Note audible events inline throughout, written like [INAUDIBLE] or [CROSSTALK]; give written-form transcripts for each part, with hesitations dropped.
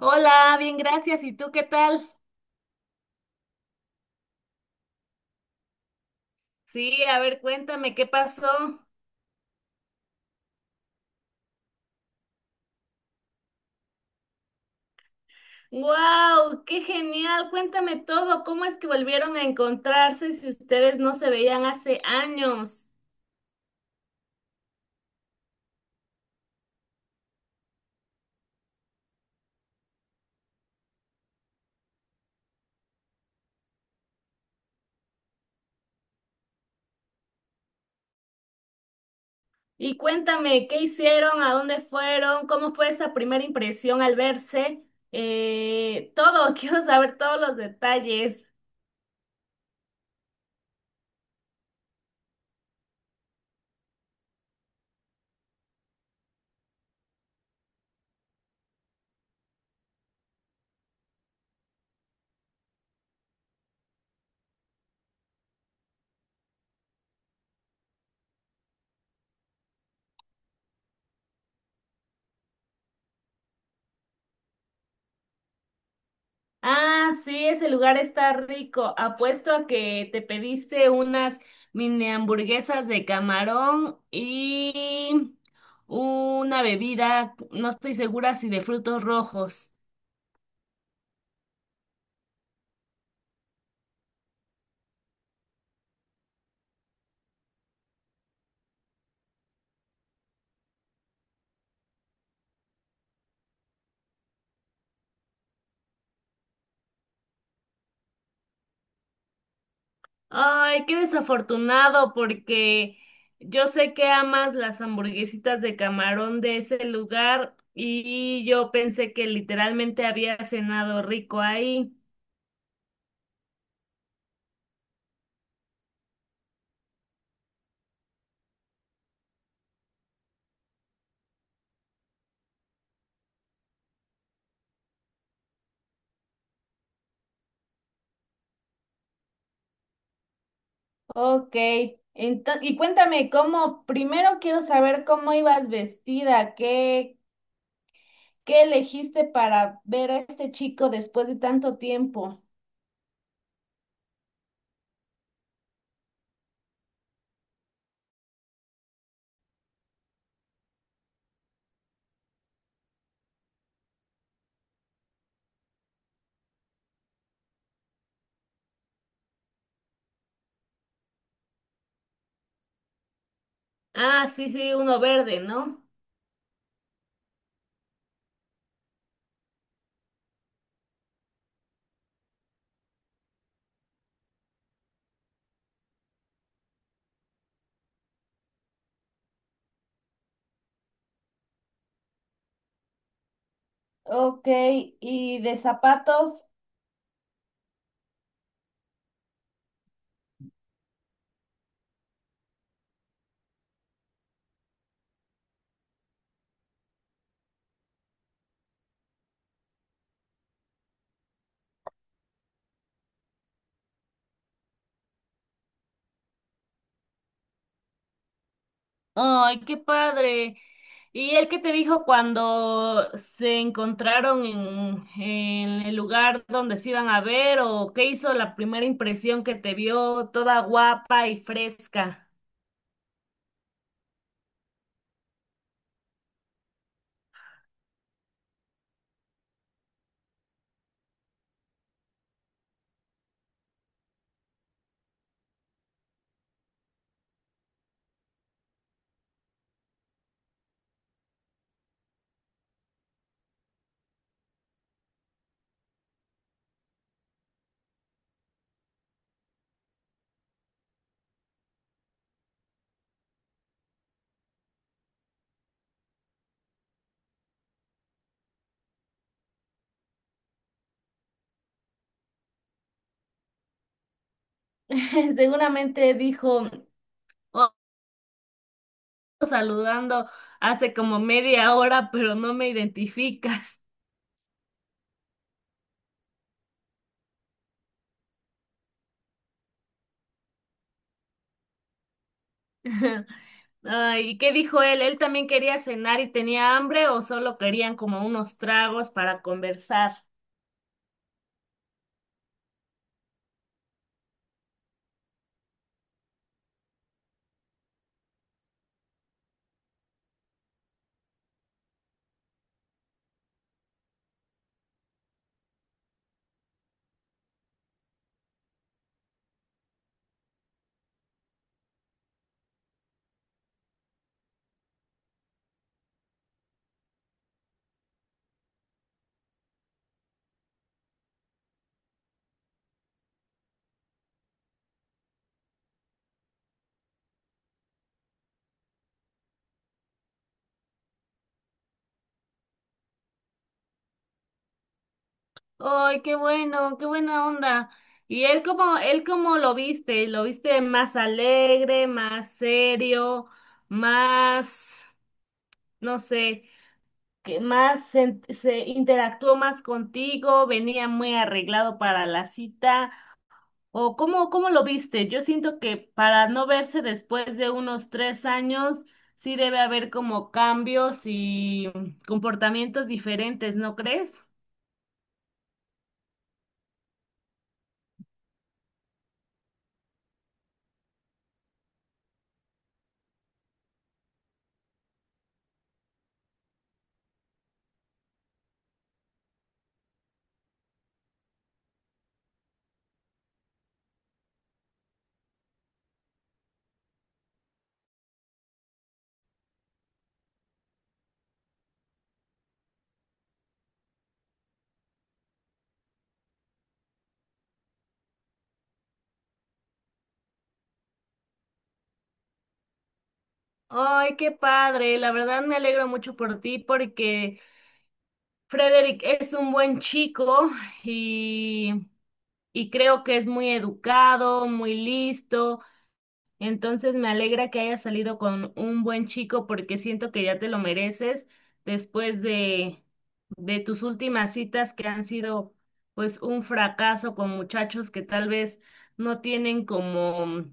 Hola, bien, gracias. ¿Y tú qué tal? Sí, a ver, cuéntame qué pasó. ¡Wow! ¡Qué genial! Cuéntame todo. ¿Cómo es que volvieron a encontrarse si ustedes no se veían hace años? Y cuéntame, ¿qué hicieron? ¿A dónde fueron? ¿Cómo fue esa primera impresión al verse? [LAUGHS] Quiero saber todos los detalles. Ah, sí, ese lugar está rico. Apuesto a que te pediste unas mini hamburguesas de camarón y una bebida, no estoy segura si de frutos rojos. Ay, qué desafortunado, porque yo sé que amas las hamburguesitas de camarón de ese lugar y yo pensé que literalmente había cenado rico ahí. Ok, y cuéntame cómo, primero quiero saber cómo ibas vestida, qué elegiste para ver a este chico después de tanto tiempo. Ah, sí, sí, uno verde, ¿no? Ok, ¿y de zapatos? Ay, qué padre. ¿Y él qué te dijo cuando se encontraron en el lugar donde se iban a ver o qué hizo la primera impresión que te vio toda guapa y fresca? [LAUGHS] Seguramente dijo, oh, saludando hace como media hora, pero no me identificas. [LAUGHS] Ay, ¿y qué dijo él? ¿Él también quería cenar y tenía hambre o solo querían como unos tragos para conversar? Ay, qué bueno, qué buena onda. ¿Y él cómo lo viste? ¿Lo viste más alegre, más serio, más, no sé? Que más se interactuó más contigo, venía muy arreglado para la cita, o cómo lo viste. Yo siento que para no verse después de unos 3 años, sí debe haber como cambios y comportamientos diferentes, ¿no crees? Ay, qué padre, la verdad me alegro mucho por ti porque Frederick es un buen chico y, y creo que es muy educado, muy listo. Entonces me alegra que hayas salido con un buen chico porque siento que ya te lo mereces después de tus últimas citas que han sido pues un fracaso con muchachos que tal vez no tienen como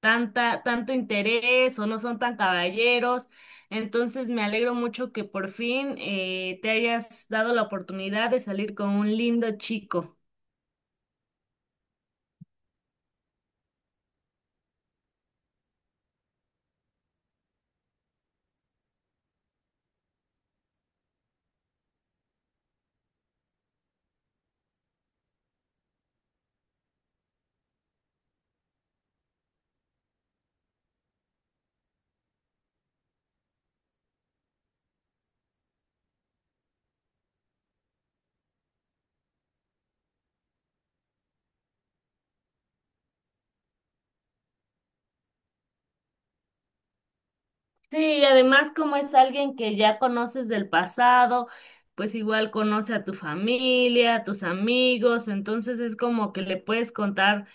tanta, tanto interés o no son tan caballeros. Entonces me alegro mucho que por fin te hayas dado la oportunidad de salir con un lindo chico. Sí, y además como es alguien que ya conoces del pasado, pues igual conoce a tu familia, a tus amigos, entonces es como que le puedes contar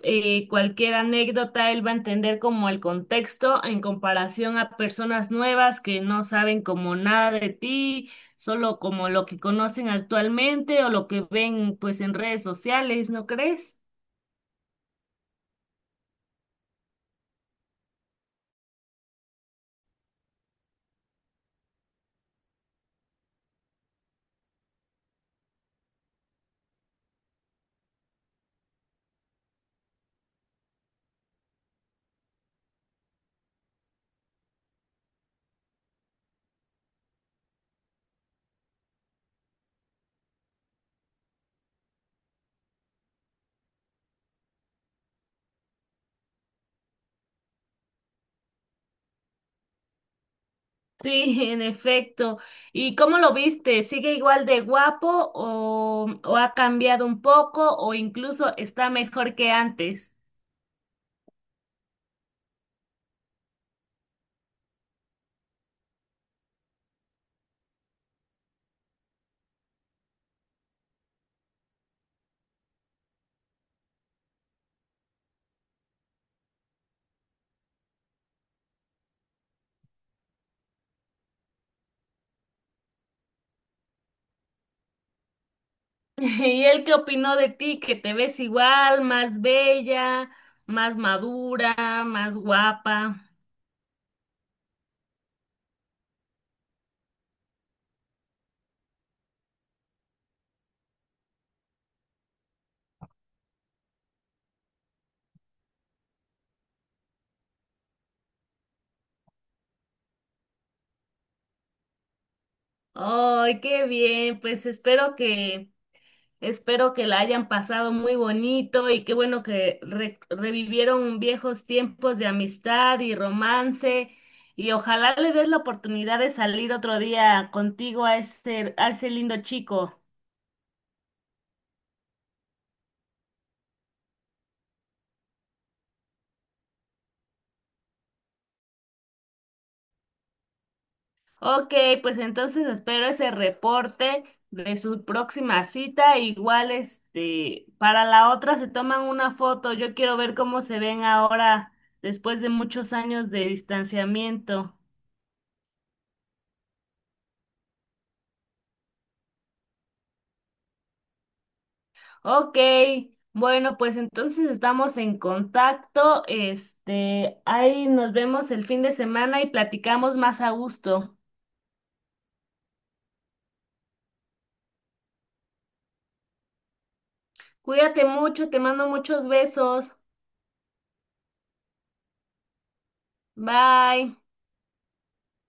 cualquier anécdota, él va a entender como el contexto en comparación a personas nuevas que no saben como nada de ti, solo como lo que conocen actualmente o lo que ven pues en redes sociales, ¿no crees? Sí, en efecto. ¿Y cómo lo viste? ¿Sigue igual de guapo o ha cambiado un poco o incluso está mejor que antes? [LAUGHS] ¿Y él qué opinó de ti? ¿Que te ves igual, más bella, más madura, más guapa? Ay, qué bien. Espero que la hayan pasado muy bonito y qué bueno que revivieron viejos tiempos de amistad y romance y ojalá le des la oportunidad de salir otro día contigo a a ese lindo chico. Ok, pues entonces espero ese reporte de su próxima cita. Igual, este, para la otra se toman una foto. Yo quiero ver cómo se ven ahora después de muchos años de distanciamiento. Ok, bueno, pues entonces estamos en contacto. Este, ahí nos vemos el fin de semana y platicamos más a gusto. Cuídate mucho, te mando muchos besos. Bye.